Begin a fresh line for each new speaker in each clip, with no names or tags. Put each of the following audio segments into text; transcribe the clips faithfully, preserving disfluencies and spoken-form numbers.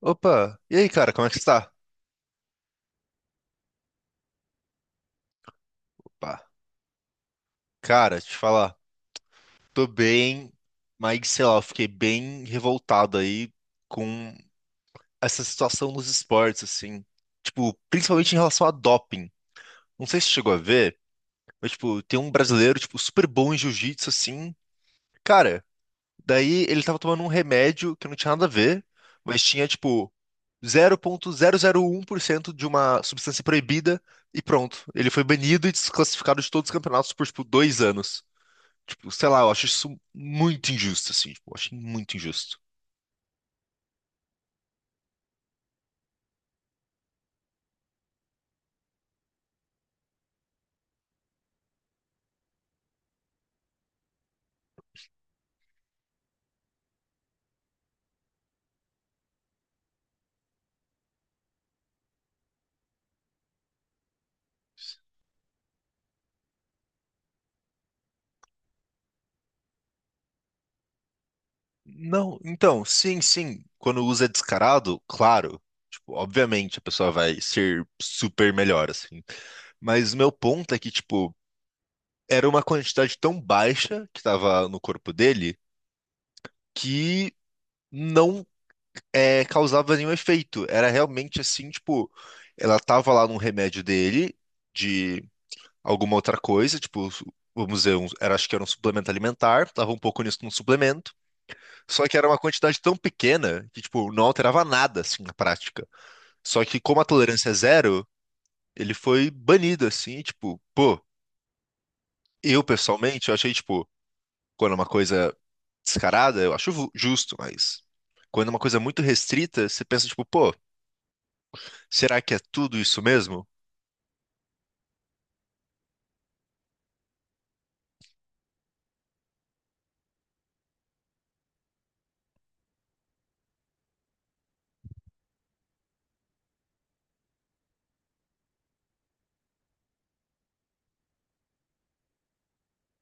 Opa, e aí, cara, como é que você tá? Opa, cara, te falar, tô bem, mas sei lá, eu fiquei bem revoltado aí com essa situação nos esportes, assim, tipo, principalmente em relação a doping. Não sei se você chegou a ver, mas, tipo, tem um brasileiro, tipo, super bom em jiu-jitsu, assim, cara, daí ele tava tomando um remédio que não tinha nada a ver, mas tinha tipo zero vírgula zero zero um por cento de uma substância proibida e pronto. Ele foi banido e desclassificado de todos os campeonatos por tipo dois anos. Tipo, sei lá, eu acho isso muito injusto, assim, tipo, eu acho muito injusto. Não, então, sim, sim. Quando usa descarado, claro. Tipo, obviamente a pessoa vai ser super melhor, assim. Mas o meu ponto é que, tipo, era uma quantidade tão baixa que tava no corpo dele que não é, causava nenhum efeito. Era realmente assim, tipo, ela tava lá num remédio dele, de alguma outra coisa, tipo, vamos dizer, um- era, acho que era um suplemento alimentar, tava um pouco nisso num suplemento, só que era uma quantidade tão pequena que, tipo, não alterava nada, assim, na prática. Só que como a tolerância é zero, ele foi banido, assim, tipo, pô, eu pessoalmente, eu achei, tipo, quando é uma coisa descarada, eu acho ju- justo, mas quando é uma coisa muito restrita, você pensa, tipo, pô, será que é tudo isso mesmo?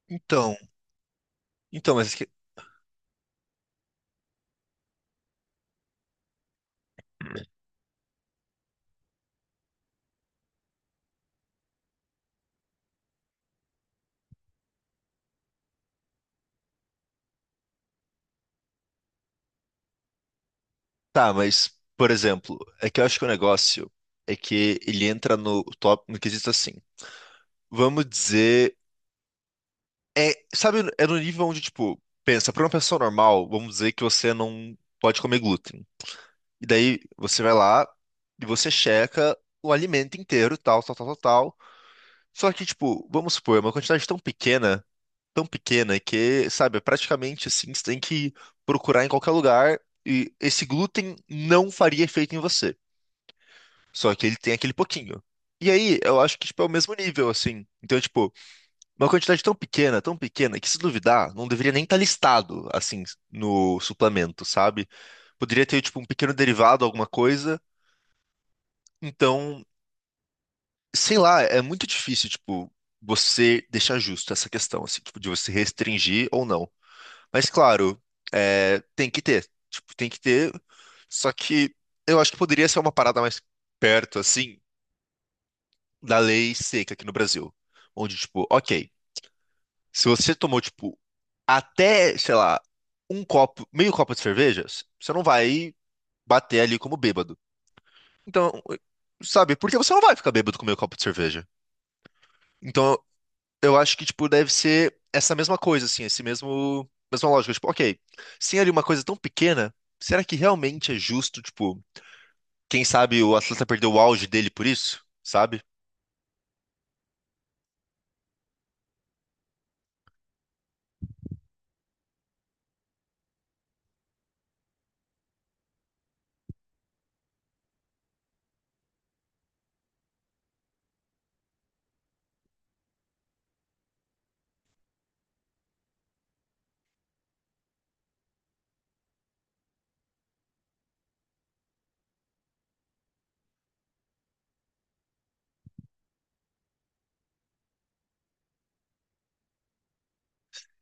Então, então, mas é que- Tá, mas por exemplo, é que eu acho que o negócio é que ele entra no top no quesito assim. Vamos dizer, é, sabe, é no nível onde tipo, pensa, para uma pessoa normal, vamos dizer que você não pode comer glúten. E daí você vai lá e você checa o alimento inteiro, tal, tal, tal, tal, tal. Só que tipo, vamos supor, é uma quantidade tão pequena tão pequena que, sabe, é praticamente assim, você tem que procurar em qualquer lugar e esse glúten não faria efeito em você. Só que ele tem aquele pouquinho. E aí, eu acho que, tipo, é o mesmo nível, assim. Então, tipo, uma quantidade tão pequena, tão pequena, que se duvidar, não deveria nem estar listado, assim, no suplemento, sabe? Poderia ter, tipo, um pequeno derivado, alguma coisa. Então, sei lá, é muito difícil, tipo, você deixar justo essa questão, assim, tipo, de você restringir ou não. Mas claro, é, tem que ter. Tipo, tem que ter. Só que eu acho que poderia ser uma parada mais perto, assim, da lei seca aqui no Brasil. Onde, tipo, ok, se você tomou, tipo, até, sei lá, um copo, meio copo de cerveja, você não vai bater ali como bêbado. Então, sabe, porque você não vai ficar bêbado com meio copo de cerveja. Então, eu acho que, tipo, deve ser essa mesma coisa, assim, esse mesmo, mesma lógica. Tipo, ok, sem ali uma coisa tão pequena, será que realmente é justo, tipo, quem sabe o atleta perdeu o auge dele por isso, sabe?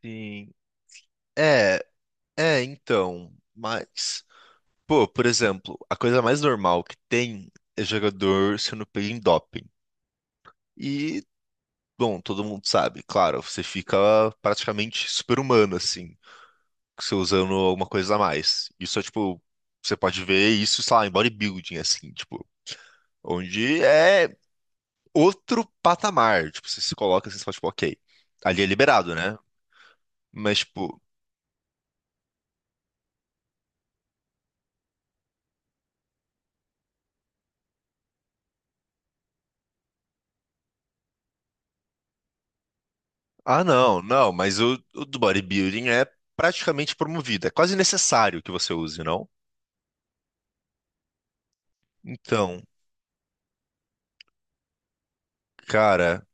Sim. É, é, então, mas, pô, por exemplo, a coisa mais normal que tem é jogador sendo pego em doping. E, bom, todo mundo sabe, claro, você fica praticamente super-humano, assim. Você usando alguma coisa a mais. Isso é tipo, você pode ver isso, sei lá, em bodybuilding, assim, tipo, onde é outro patamar. Tipo, você se coloca assim, você fala, tipo, ok, ali é liberado, né? Mas, tipo, ah, não, não, mas o, o do bodybuilding é praticamente promovido. É quase necessário que você use, não? Então, cara,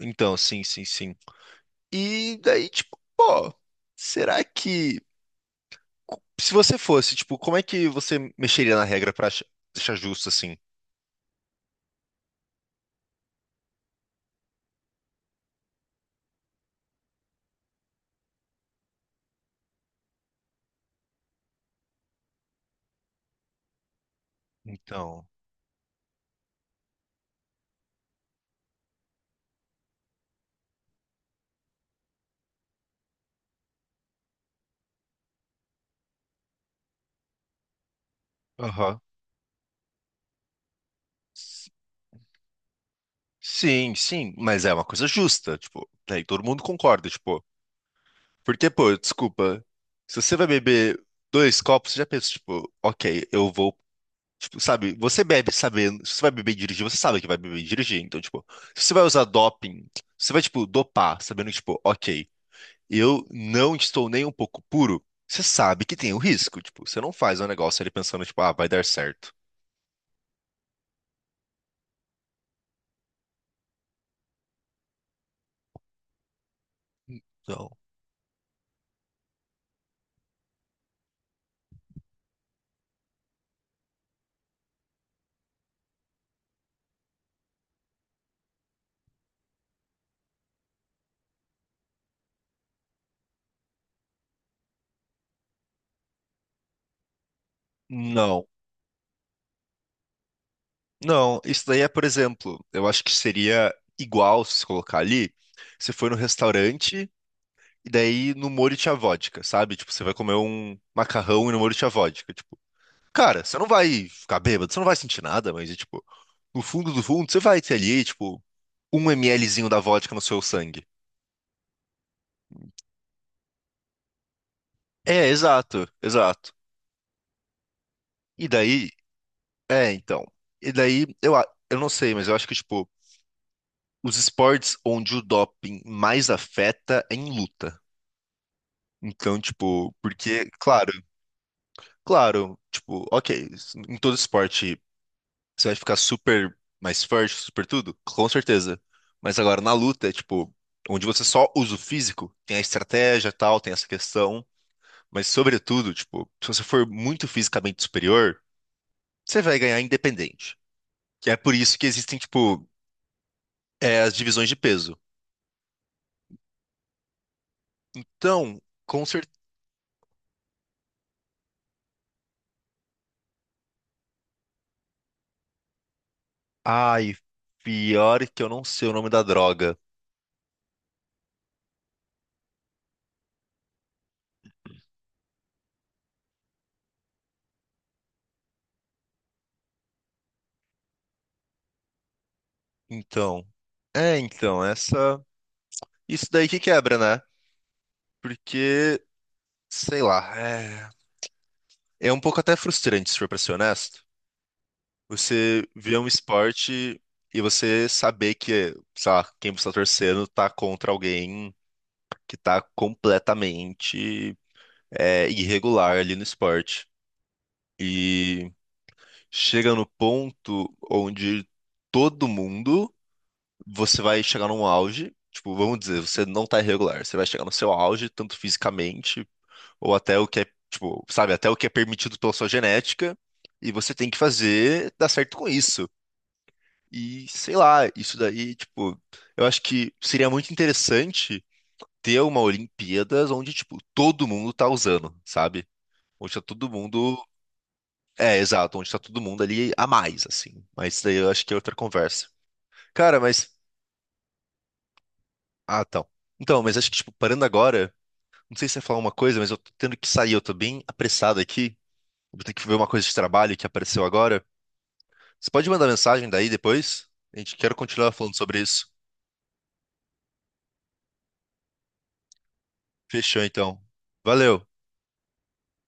então, sim, sim, sim. E daí, tipo, pô, será que. Se você fosse, tipo, como é que você mexeria na regra pra ach- deixar justo assim? Então, aham. S- Sim, sim, mas é uma coisa justa, tipo, daí todo mundo concorda, tipo, porque, pô, desculpa, se você vai beber dois copos, você já pensa, tipo, ok, eu vou, tipo, sabe, você bebe sabendo, se você vai beber e dirigir, você sabe que vai beber e dirigir, então, tipo, se você vai usar doping, você vai, tipo, dopar, sabendo que, tipo, ok, eu não estou nem um pouco puro, você sabe que tem o risco, tipo, você não faz um negócio ali pensando, tipo, ah, vai dar certo. Então, não. Não, isso daí é, por exemplo, eu acho que seria igual se colocar ali, você foi no restaurante e daí no molho tinha vodka, sabe? Tipo, você vai comer um macarrão e no molho tinha vodka, tipo. Cara, você não vai ficar bêbado, você não vai sentir nada, mas, é, tipo, no fundo do fundo, você vai ter ali, tipo, um mlzinho da vodka no seu sangue. É, exato, exato. E daí, é, então. E daí, eu, a- eu não sei, mas eu acho que, tipo, os esportes onde o doping mais afeta é em luta. Então, tipo, porque, claro, claro, tipo, ok, em todo esporte você vai ficar super mais forte, super tudo, com certeza. Mas agora na luta, é tipo, onde você só usa o físico, tem a estratégia e tal, tem essa questão, mas sobretudo, tipo, se você for muito fisicamente superior, você vai ganhar independente. Que é por isso que existem, tipo, é, as divisões de peso. Então, com certeza. Ai, pior que eu não sei o nome da droga. Então. É, então, essa. Isso daí que quebra, né? Porque, sei lá, é, é um pouco até frustrante, se for pra ser honesto. Você vê um esporte e você saber que, sei lá, quem você tá torcendo tá contra alguém que tá completamente é, irregular ali no esporte. E chega no ponto onde todo mundo, você vai chegar num auge. Tipo, vamos dizer, você não tá irregular, você vai chegar no seu auge, tanto fisicamente ou até o que é, tipo, sabe, até o que é permitido pela sua genética, e você tem que fazer dar certo com isso. E sei lá, isso daí, tipo, eu acho que seria muito interessante ter uma Olimpíadas onde, tipo, todo mundo tá usando, sabe? Onde tá todo mundo. É, exato, onde tá todo mundo ali a mais, assim. Mas isso daí eu acho que é outra conversa. Cara, mas. Ah, então. Então, mas acho que, tipo, parando agora, não sei se você ia falar uma coisa, mas eu tô tendo que sair, eu tô bem apressado aqui. Eu vou ter que ver uma coisa de trabalho que apareceu agora. Você pode mandar mensagem daí depois? A gente quer continuar falando sobre isso. Fechou, então. Valeu.